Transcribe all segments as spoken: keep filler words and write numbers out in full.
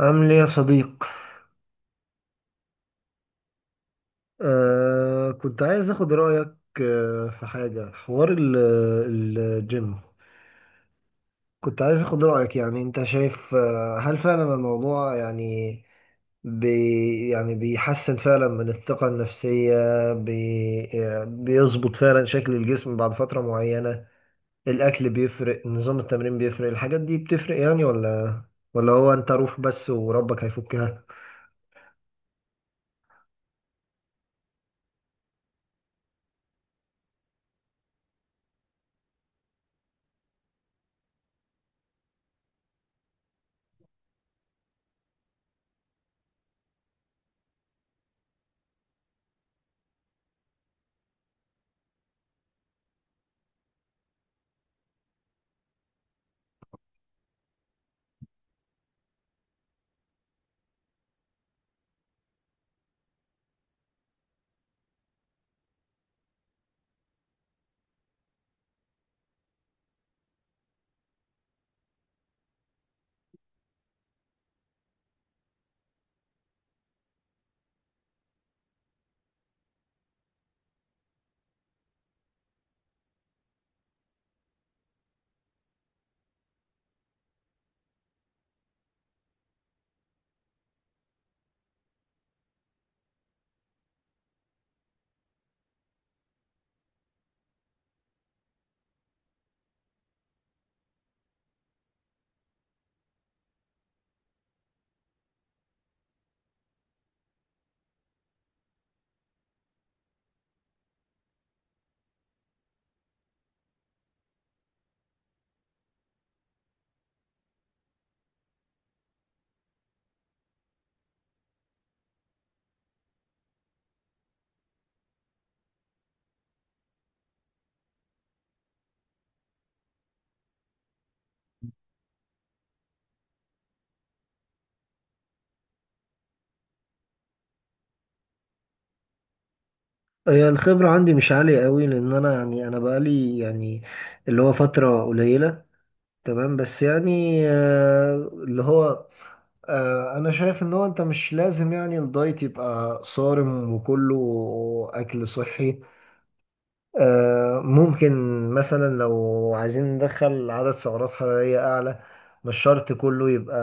عامل ايه يا صديق؟ آه كنت عايز اخد رأيك. آه في حاجة، حوار ال- ال- الجيم كنت عايز اخد رأيك، يعني انت شايف، آه هل فعلا الموضوع يعني بي يعني بيحسن فعلا من الثقة النفسية؟ بي آه، بيظبط فعلا شكل الجسم بعد فترة معينة؟ الأكل بيفرق، نظام التمرين بيفرق، الحاجات دي بتفرق يعني، ولا ولا هو انت روح بس وربك هيفكها؟ هي الخبرة عندي مش عالية قوي، لأن أنا يعني أنا بقالي يعني اللي هو فترة قليلة. تمام بس يعني، آه، اللي هو آه، أنا شايف إن هو، أنت مش لازم يعني الدايت يبقى صارم وكله أكل صحي. آه، ممكن مثلا لو عايزين ندخل عدد سعرات حرارية أعلى، مش شرط كله يبقى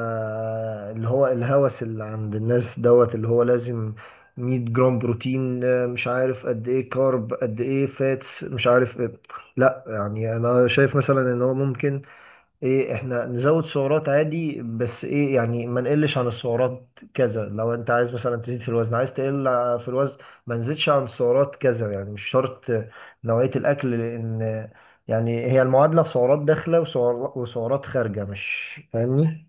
اللي هو الهوس اللي عند الناس دوت، اللي هو لازم مية جرام بروتين، آه، مش عارف قد ايه كارب، قد ايه فاتس، مش عارف إيه. لا يعني انا شايف مثلا ان هو ممكن، ايه، احنا نزود سعرات عادي، بس ايه يعني ما نقلش عن السعرات كذا. لو انت عايز مثلا تزيد في الوزن، عايز تقل في الوزن، ما نزيدش عن السعرات كذا، يعني مش شرط نوعية الاكل. لان يعني هي المعادلة سعرات داخلة وسعر- وسعرات خارجة، مش فاهمني؟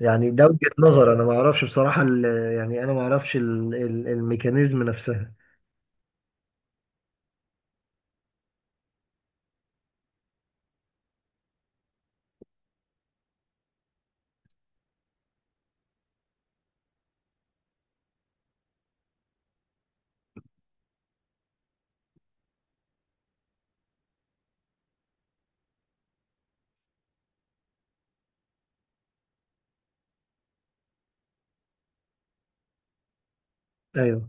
يعني ده وجهة نظر، انا ما اعرفش بصراحة ال- يعني انا ما اعرفش ال- ال- الميكانيزم نفسها. ايوه.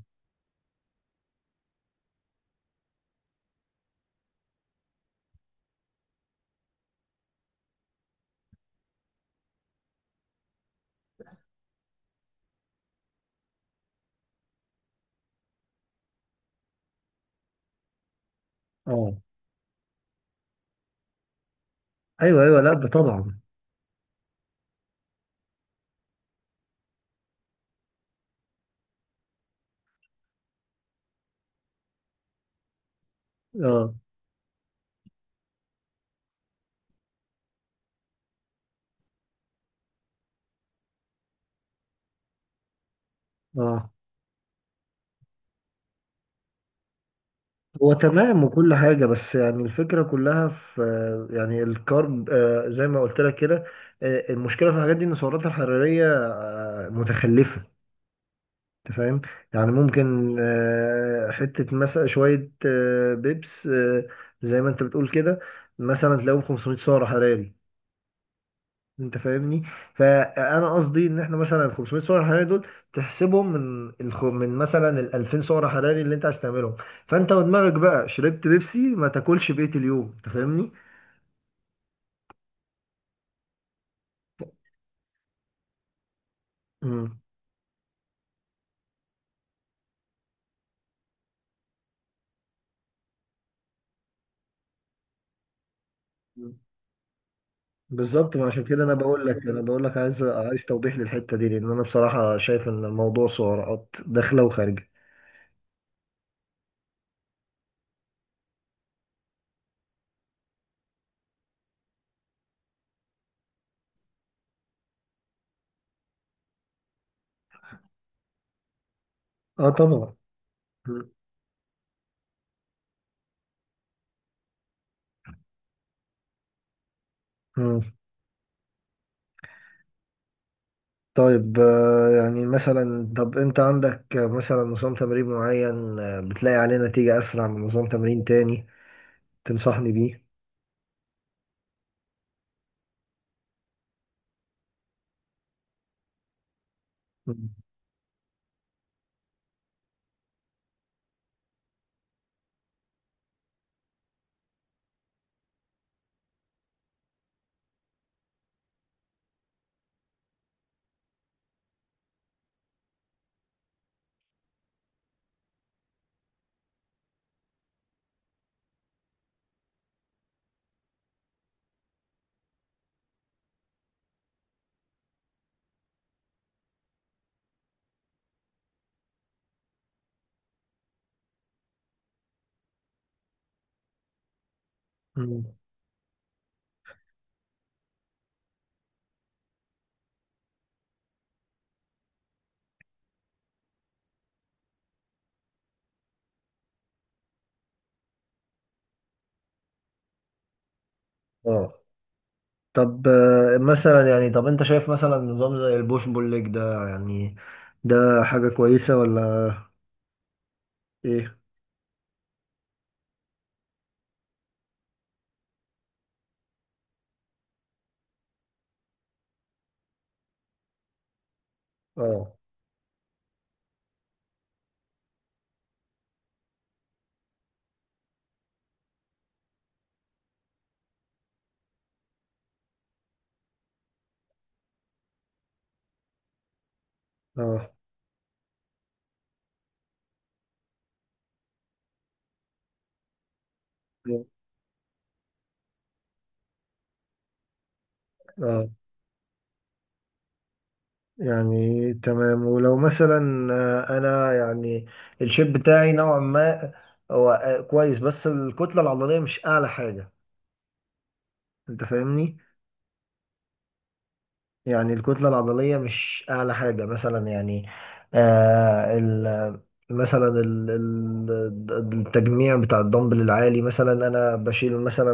اه. ايوه، ايوه، لا ده طبعا. اه. اه. هو تمام وكل حاجة، بس يعني الفكرة كلها في، يعني الكارب آه، زي ما قلت لك كده، آه، المشكلة في الحاجات دي إن السعرات الحرارية آه، متخلفة. أنت فاهم؟ يعني ممكن، آه، حتة مثلا شوية، آه، بيبس، آه، زي ما أنت بتقول كده، مثلا تلاقيهم خمسمية سعر حراري. انت فاهمني؟ فانا قصدي ان احنا مثلا ال خمسمية سعر حراري دول تحسبهم من الخ... من مثلا ال ألفين سعر حراري اللي انت عايز تعملهم. فانت ودماغك بقى شربت بيبسي، ما تاكلش بقية اليوم، انت فاهمني؟ امم بالظبط. ما عشان كده انا بقول لك انا بقول لك عايز عايز توضيح للحتة دي، لان انا بصراحة شايف ان الموضوع سعرات داخلة وخارجة. اه طبعا. مم. مم. طيب، آه، يعني مثلا، طب انت عندك مثلا نظام تمرين معين آه، بتلاقي عليه نتيجة اسرع من نظام تمرين تاني تنصحني بيه؟ مم. مم. اه. طب آه، مثلا يعني، طب انت شايف مثلا نظام زي البوش بول ليج ده، يعني ده حاجة كويسة ولا ايه؟ اه. اه. اه. يعني تمام. ولو مثلا، آه، انا يعني الشيب بتاعي نوعا ما هو آه، كويس، بس الكتلة العضلية مش اعلى حاجة، انت فاهمني؟ يعني الكتلة العضلية مش أعلى حاجة، مثلا يعني آه ال مثلا ال- ال- التجميع بتاع الدمبل العالي، مثلا أنا بشيل مثلا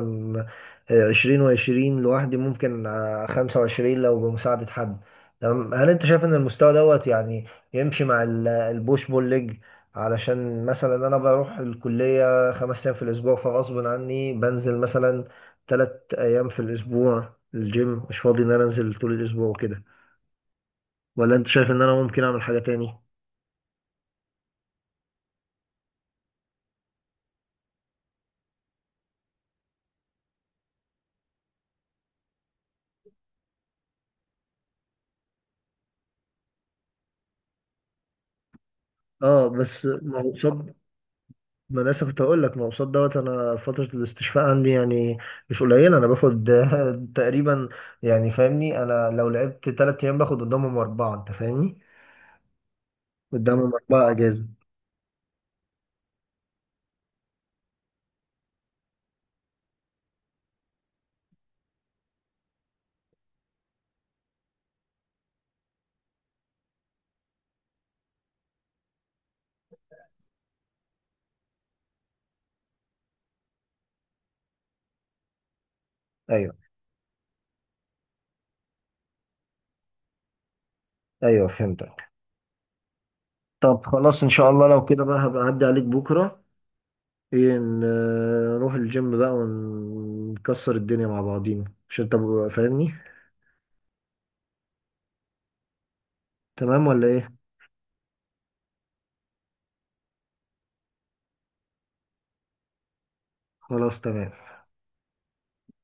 آه، عشرين وعشرين لوحدي، ممكن آه، خمسة وعشرين لو بمساعدة حد. تمام. هل أنت شايف إن المستوى دوت يعني يمشي مع ال- البوش بول ليج؟ علشان مثلا أنا بروح الكلية خمس أيام في الأسبوع، فغصب عني بنزل مثلا تلات أيام في الأسبوع. الجيم مش فاضي ان انا انزل طول الاسبوع وكده، ولا انت شايف ان انا ممكن اعمل حاجة تاني؟ اه. بس ما هو قصاد، ما انا لسه كنت هقول لك ما هو قصاد دوت، انا فترة الاستشفاء عندي يعني مش قليلة. انا باخد تقريبا، يعني فاهمني، انا لو لعبت تلات ايام باخد قدامهم اربعة، انت فاهمني، قدامهم اربعة اجازة. ايوه. ايوه، فهمتك. طب خلاص، ان شاء الله لو كده بقى هبقى اعدي عليك بكرة. ايه، ن- نروح الجيم بقى ونكسر الدنيا مع بعضينا، عشان انت فاهمني. تمام ولا ايه؟ خلاص تمام.